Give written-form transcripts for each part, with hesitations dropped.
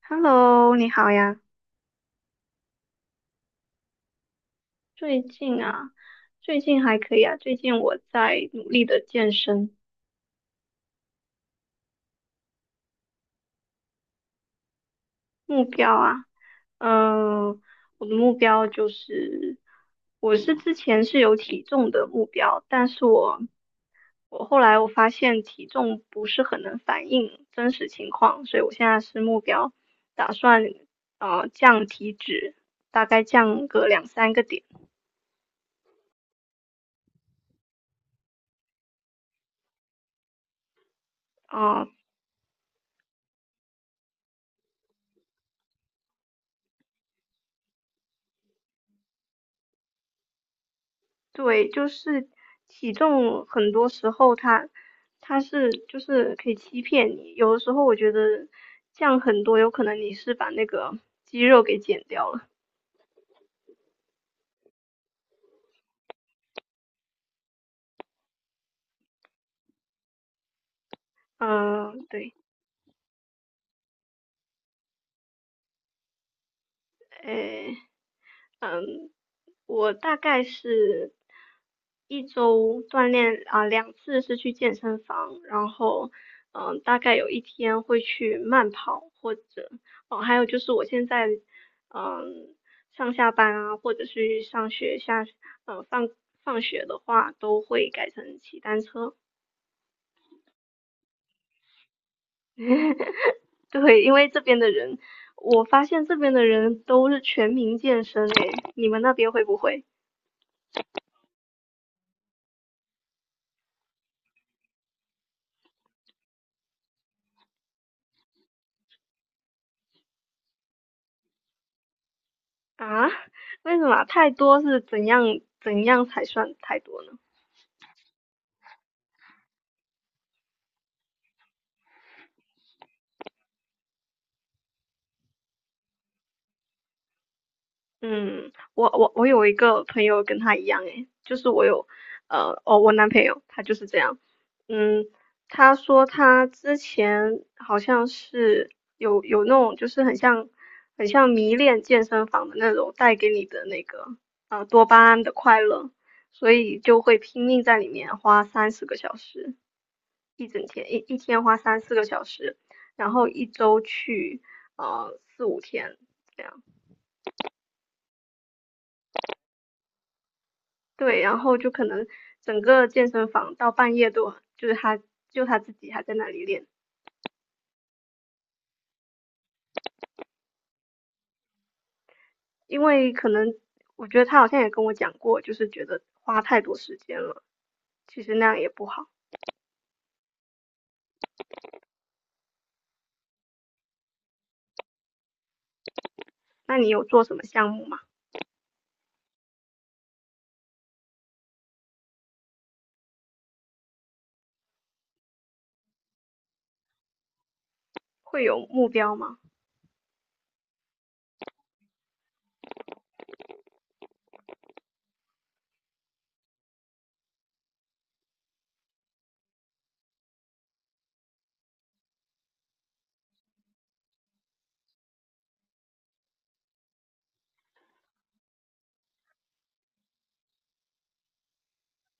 Hello，你好呀。最近啊，最近还可以啊。最近我在努力的健身，目标啊，嗯、我的目标就是，我是之前是有体重的目标，但是我后来我发现体重不是很能反映真实情况，所以我现在是目标打算降体脂，大概降个两三个点。嗯、呃对，就是体重，很多时候它是就是可以欺骗你。有的时候我觉得降很多，有可能你是把那个肌肉给减掉了。嗯，对，诶。我大概是一周锻炼啊，两次是去健身房，然后嗯，大概有一天会去慢跑，或者哦，还有就是我现在嗯上下班啊，或者是上学下呃放放学的话，都会改成骑单车。对，因为这边的人，我发现这边的人都是全民健身诶，你们那边会不会？啊？为什么太多是怎样怎样才算太多呢？嗯，我有一个朋友跟他一样诶，就是我有我男朋友他就是这样，嗯，他说他之前好像是有那种就是很像很像迷恋健身房的那种带给你的那个多巴胺的快乐，所以就会拼命在里面花30个小时。一整天，一天花3、4个小时，然后一周去4、5天这样，对，然后就可能整个健身房到半夜都就是他就他自己还在那里练，因为可能我觉得他好像也跟我讲过，就是觉得花太多时间了，其实那样也不好。那你有做什么项目吗？会有目标吗？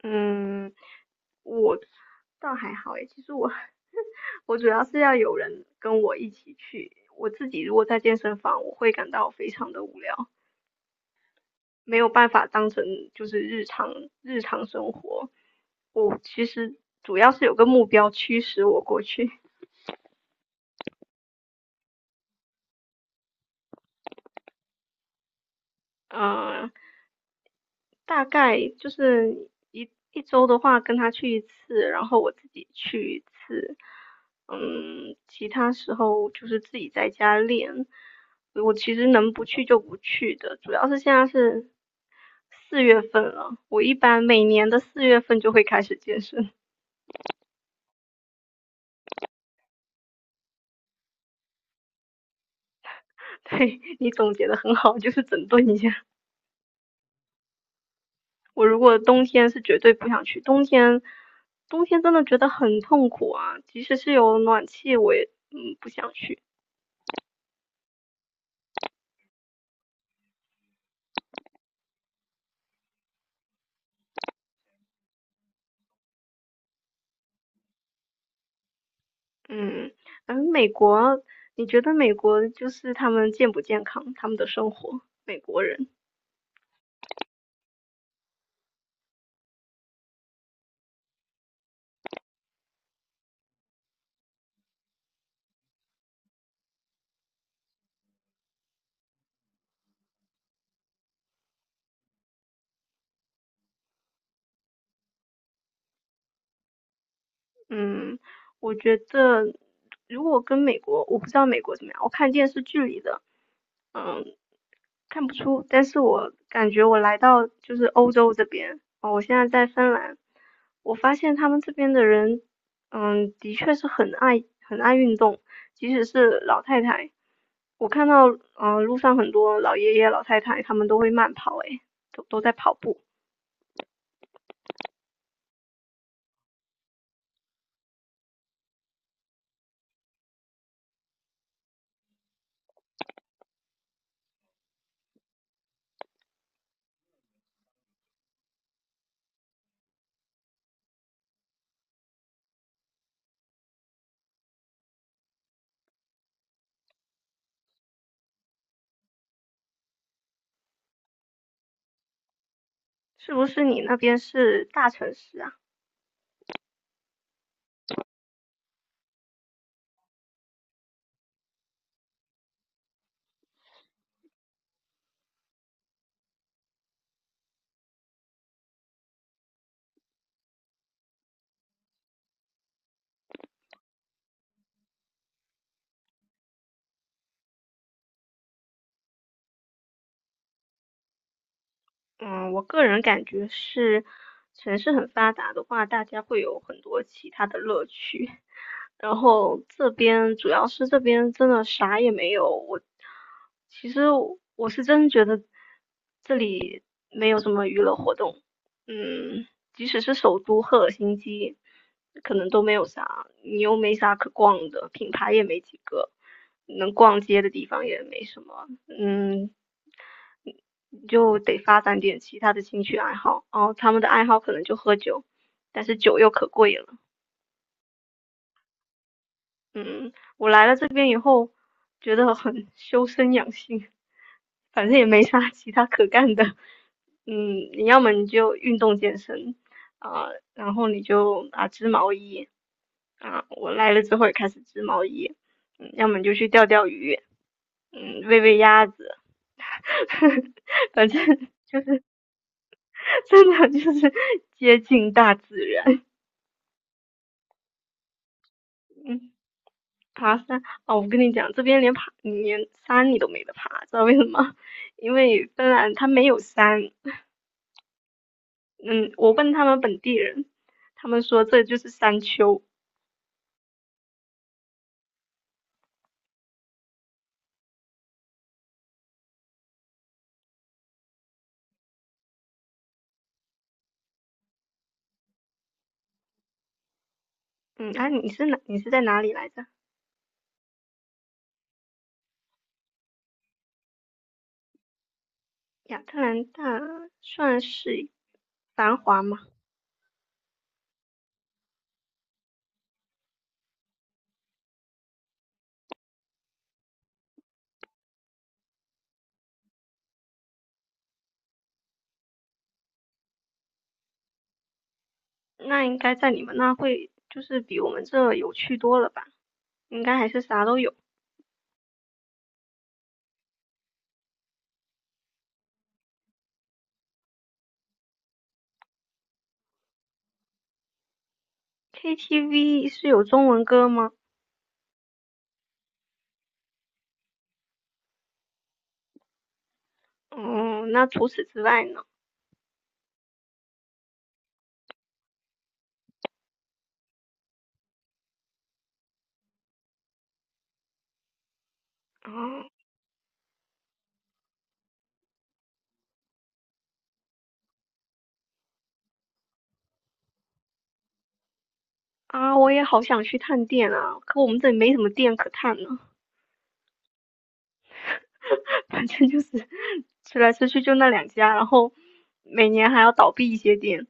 嗯，我倒还好诶，其实我 我主要是要有人跟我一起去。我自己如果在健身房，我会感到非常的无聊，没有办法当成就是日常日常生活。我其实主要是有个目标驱使我过去，嗯、大概就是一周的话，跟他去一次，然后我自己去一次，嗯，其他时候就是自己在家练。我其实能不去就不去的，主要是现在是四月份了，我一般每年的四月份就会开始健身。对，你总结的很好，就是整顿一下。我如果冬天是绝对不想去，冬天真的觉得很痛苦啊，即使是有暖气，我也不想去。嗯，嗯，美国，你觉得美国就是他们健不健康？他们的生活，美国人，嗯，我觉得如果跟美国，我不知道美国怎么样，我看电视剧里的，嗯，看不出，但是我感觉我来到就是欧洲这边，哦，我现在在芬兰，我发现他们这边的人，嗯，的确是很爱很爱运动，即使是老太太，我看到，路上很多老爷爷、老太太，他们都会慢跑，诶，都都在跑步。是不是你那边是大城市啊？嗯，我个人感觉是，城市很发达的话，大家会有很多其他的乐趣。然后这边主要是这边真的啥也没有。我其实我是真觉得这里没有什么娱乐活动。嗯，即使是首都赫尔辛基，可能都没有啥，你又没啥可逛的，品牌也没几个，能逛街的地方也没什么。嗯，你就得发展点其他的兴趣爱好。哦，他们的爱好可能就喝酒，但是酒又可贵了。嗯，我来了这边以后，觉得很修身养性，反正也没啥其他可干的。嗯，你要么你就运动健身啊、然后你就啊织毛衣啊、我来了之后也开始织毛衣，嗯，要么你就去钓钓鱼，嗯，喂喂鸭子，反正真的就是接近大自然，嗯。爬山啊，我跟你讲，这边连爬连山你都没得爬，知道为什么？因为芬兰它没有山。嗯，我问他们本地人，他们说这就是山丘。嗯，啊，你是哪？你是在哪里来着？亚特兰大算是繁华吗？那应该在你们那会就是比我们这有趣多了吧？应该还是啥都有。KTV 是有中文歌吗？哦、那除此之外呢？哦、啊，我也好想去探店啊，可我们这里没什么店可探呢。反正就是吃来吃去就那两家，然后每年还要倒闭一些店。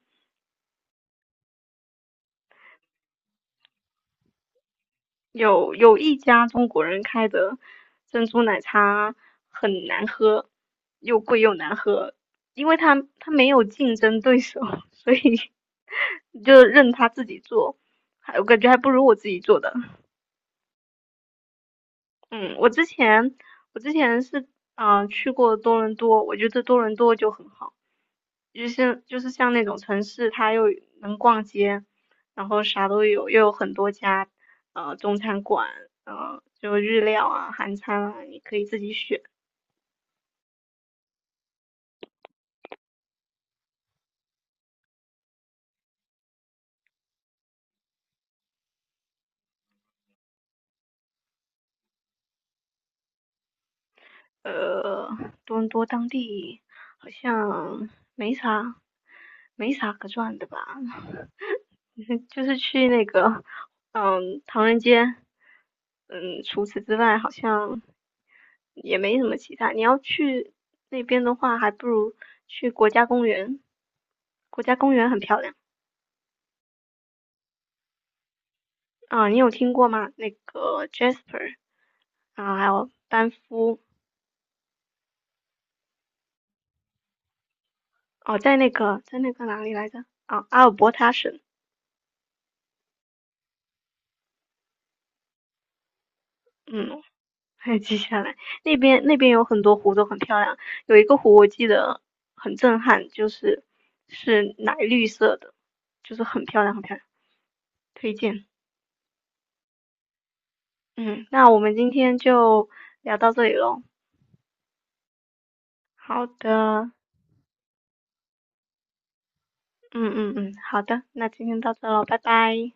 有一家中国人开的珍珠奶茶很难喝，又贵又难喝，因为他没有竞争对手，所以就任他自己做，还我感觉还不如我自己做的。嗯，我之前是去过多伦多，我觉得多伦多就很好，就是就是像那种城市，它又能逛街，然后啥都有，又有很多家中餐馆，就日料啊、韩餐啊，你可以自己选。呃，多伦多当地好像没啥没啥可转的吧，就是去那个唐人街，嗯，除此之外好像。也没什么其他。你要去那边的话，还不如去国家公园，国家公园很漂亮啊、你有听过吗？那个 Jasper 啊，还有班夫哦，在那个哪里来着？啊，阿尔伯塔省。嗯，还记下来，那边有很多湖都很漂亮，有一个湖我记得很震撼，就是是奶绿色的，就是很漂亮，很漂亮，推荐。嗯，那我们今天就聊到这里喽。好的。嗯嗯嗯，好的，那今天到这喽，拜拜。